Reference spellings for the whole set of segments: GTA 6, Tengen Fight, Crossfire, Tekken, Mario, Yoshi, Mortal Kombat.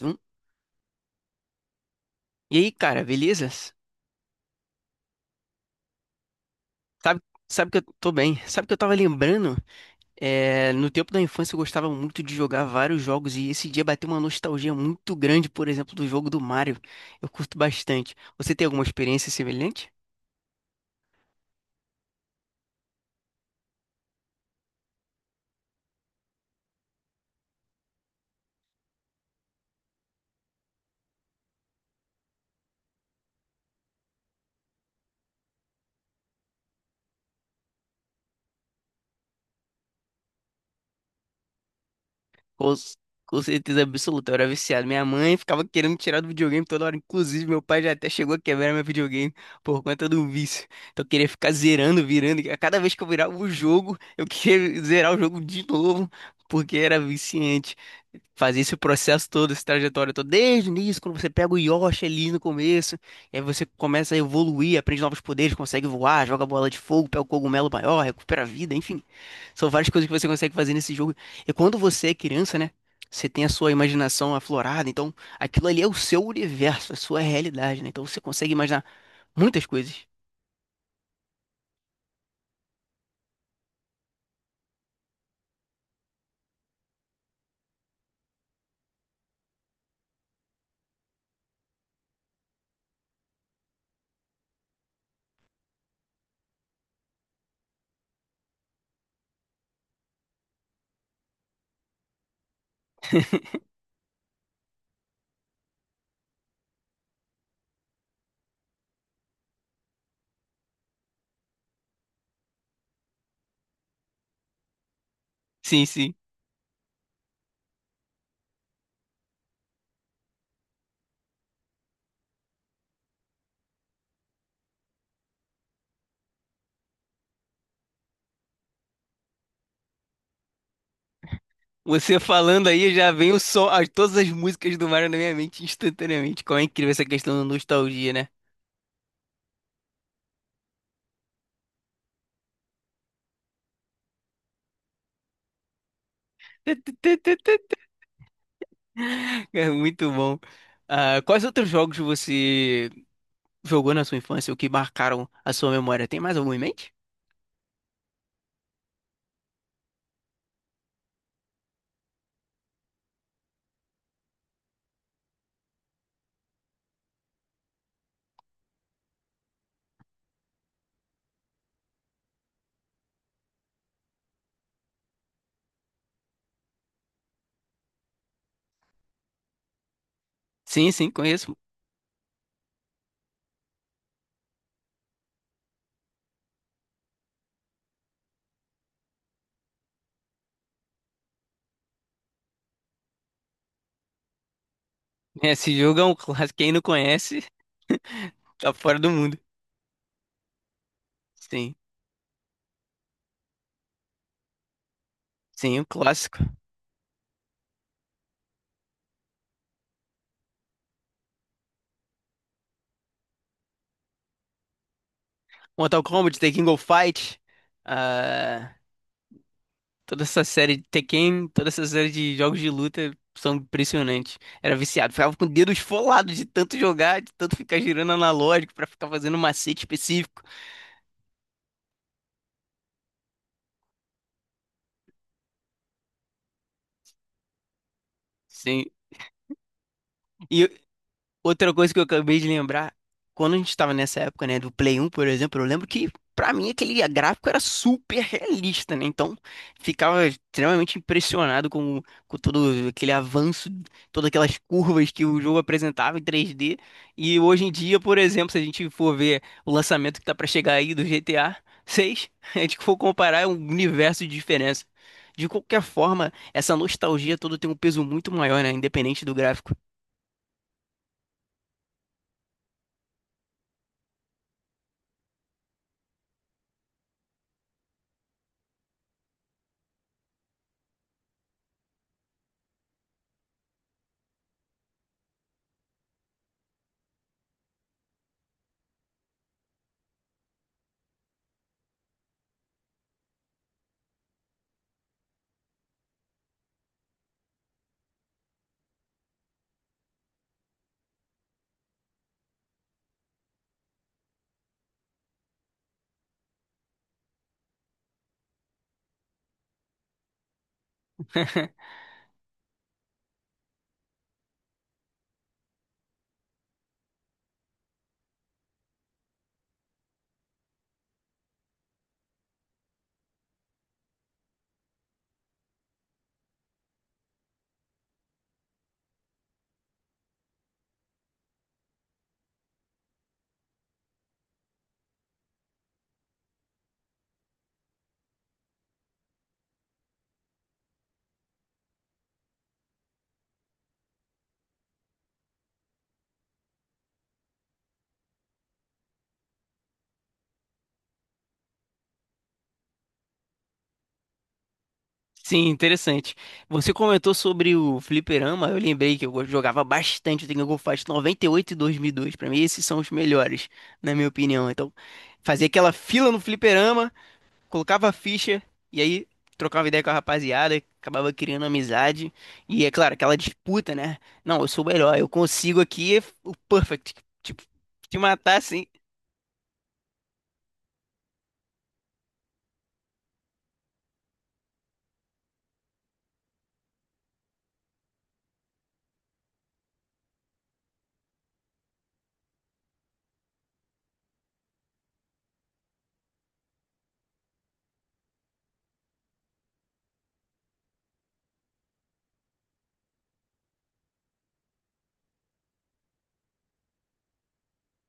Hum? E aí, cara, beleza? Sabe, sabe que eu tô bem. Sabe que eu tava lembrando? É, no tempo da infância eu gostava muito de jogar vários jogos e esse dia bateu uma nostalgia muito grande, por exemplo, do jogo do Mario. Eu curto bastante. Você tem alguma experiência semelhante? Com, c- com certeza absoluta, eu era viciado. Minha mãe ficava querendo me tirar do videogame toda hora. Inclusive, meu pai já até chegou a quebrar meu videogame por conta do vício. Então, eu queria ficar zerando, virando. A cada vez que eu virava o jogo, eu queria zerar o jogo de novo, porque era viciante. Fazia esse processo todo, essa trajetória toda, desde o início, quando você pega o Yoshi ali no começo, e aí você começa a evoluir, aprende novos poderes, consegue voar, joga bola de fogo, pega o cogumelo maior, recupera a vida, enfim. São várias coisas que você consegue fazer nesse jogo. E quando você é criança, né? Você tem a sua imaginação aflorada, então aquilo ali é o seu universo, a sua realidade, né? Então você consegue imaginar muitas coisas. Sim, sim. Você falando aí já vem o som, todas as músicas do Mario na minha mente instantaneamente. Como é incrível essa questão da nostalgia, né? É muito bom. Ah, quais outros jogos você jogou na sua infância ou que marcaram a sua memória? Tem mais algum em mente? Sim, sim, conheço. É, esse jogo é um clássico. Quem não conhece, tá fora do mundo. Sim, sim, um clássico. Mortal Kombat, Tekken Go Fight, ah, toda essa série de Tekken, toda essa série de jogos de luta são impressionantes. Era viciado, ficava com o dedo esfolado de tanto jogar, de tanto ficar girando analógico pra ficar fazendo um macete específico. Sim. E Outra coisa que eu acabei de lembrar, quando a gente estava nessa época, né, do Play 1, por exemplo, eu lembro que pra mim aquele gráfico era super realista, né? Então, ficava extremamente impressionado com todo aquele avanço, todas aquelas curvas que o jogo apresentava em 3D. E hoje em dia, por exemplo, se a gente for ver o lançamento que tá pra chegar aí do GTA 6, a seis, a gente for comparar é um universo de diferença. De qualquer forma, essa nostalgia toda tem um peso muito maior, né? Independente do gráfico. Sim, interessante. Você comentou sobre o fliperama, eu lembrei que eu jogava bastante o Tengen Fight 98 e 2002. Pra mim, esses são os melhores, na minha opinião. Então, fazia aquela fila no fliperama, colocava a ficha e aí trocava ideia com a rapaziada, acabava criando amizade. E é claro, aquela disputa, né? Não, eu sou o melhor, eu consigo aqui o perfect. Tipo, te matar, sim.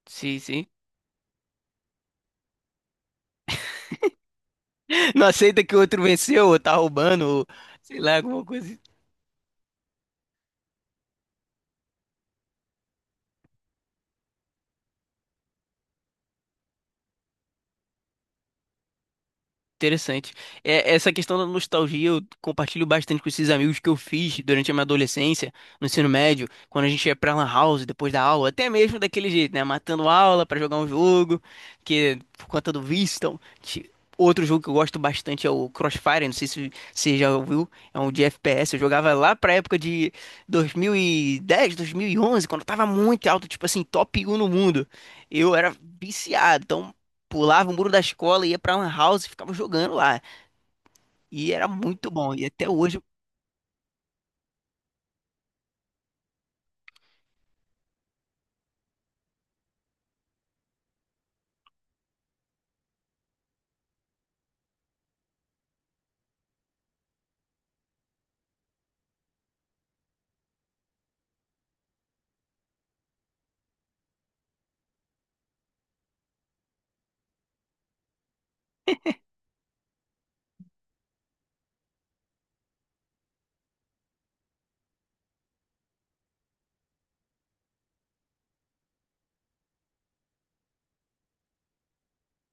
Sim, sim. Não aceita que o outro venceu, ou tá roubando, ou sei lá, alguma coisa. Interessante. É, essa questão da nostalgia eu compartilho bastante com esses amigos que eu fiz durante a minha adolescência, no ensino médio, quando a gente ia pra Lan House depois da aula, até mesmo daquele jeito, né? Matando aula pra jogar um jogo, que por conta do vício. Então, outro jogo que eu gosto bastante é o Crossfire, não sei se você já ouviu, é um de FPS. Eu jogava lá pra época de 2010, 2011, quando eu tava muito alto, tipo assim, top 1 no mundo. Eu era viciado, então pulava o muro da escola, ia pra Lan House e ficava jogando lá. E era muito bom. E até hoje,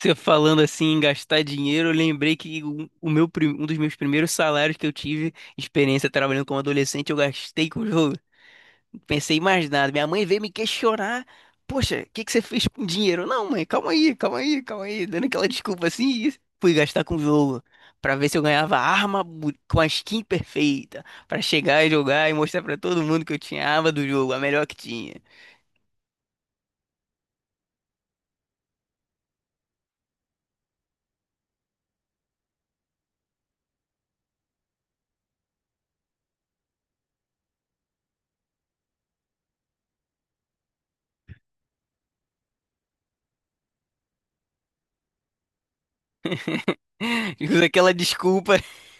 você falando assim em gastar dinheiro, eu lembrei que um dos meus primeiros salários que eu tive, experiência trabalhando como adolescente, eu gastei com o jogo. Não pensei em mais nada. Minha mãe veio me questionar. Poxa, o que que você fez com o dinheiro? Não, mãe, calma aí, calma aí, calma aí. Dando aquela desculpa assim, e fui gastar com o jogo. Pra ver se eu ganhava com a skin perfeita. Pra chegar e jogar e mostrar pra todo mundo que eu tinha a arma do jogo, a melhor que tinha. Usa aquela desculpa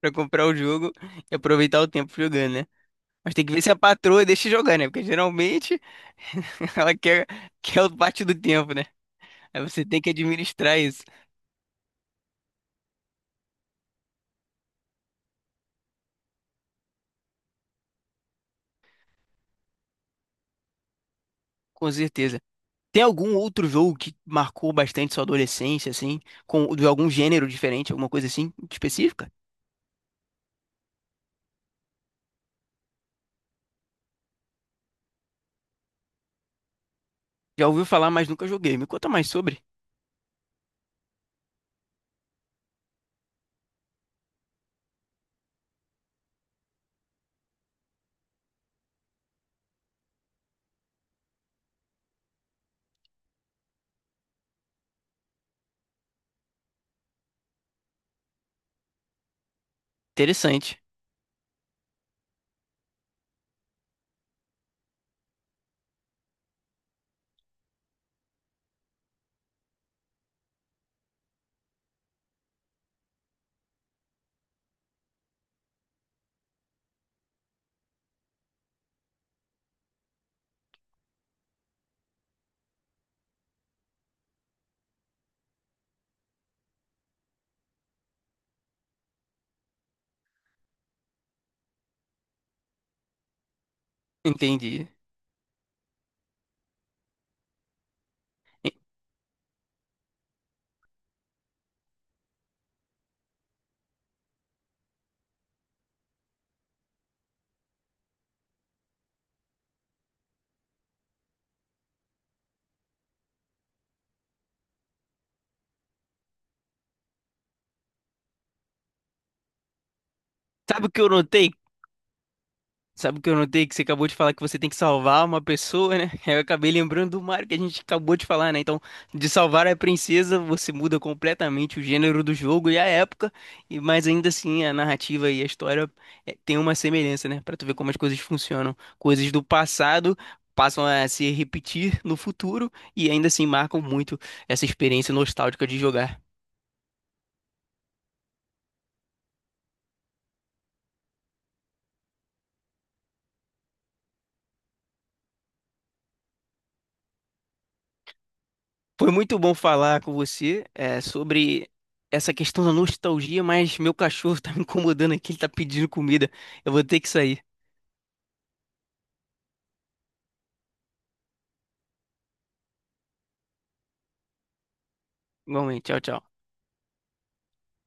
pra comprar o jogo e aproveitar o tempo jogando, né? Mas tem que ver se a patroa deixa jogar, né? Porque geralmente ela quer, quer o parte do tempo, né? Aí você tem que administrar isso, com certeza. Tem algum outro jogo que marcou bastante sua adolescência, assim, com de algum gênero diferente, alguma coisa assim específica? Já ouviu falar, mas nunca joguei. Me conta mais sobre. Interessante. Entendi. E- Sabe o que eu notei, Sabe o que eu notei que você acabou de falar que você tem que salvar uma pessoa, né? Eu acabei lembrando do Mario que a gente acabou de falar, né? Então, de salvar a princesa, você muda completamente o gênero do jogo e a época, e mas ainda assim a narrativa e a história tem uma semelhança, né? Pra tu ver como as coisas funcionam. Coisas do passado passam a se repetir no futuro e ainda assim marcam muito essa experiência nostálgica de jogar. Foi muito bom falar com você, é, sobre essa questão da nostalgia, mas meu cachorro tá me incomodando aqui, ele tá pedindo comida. Eu vou ter que sair. Igualmente, tchau, tchau.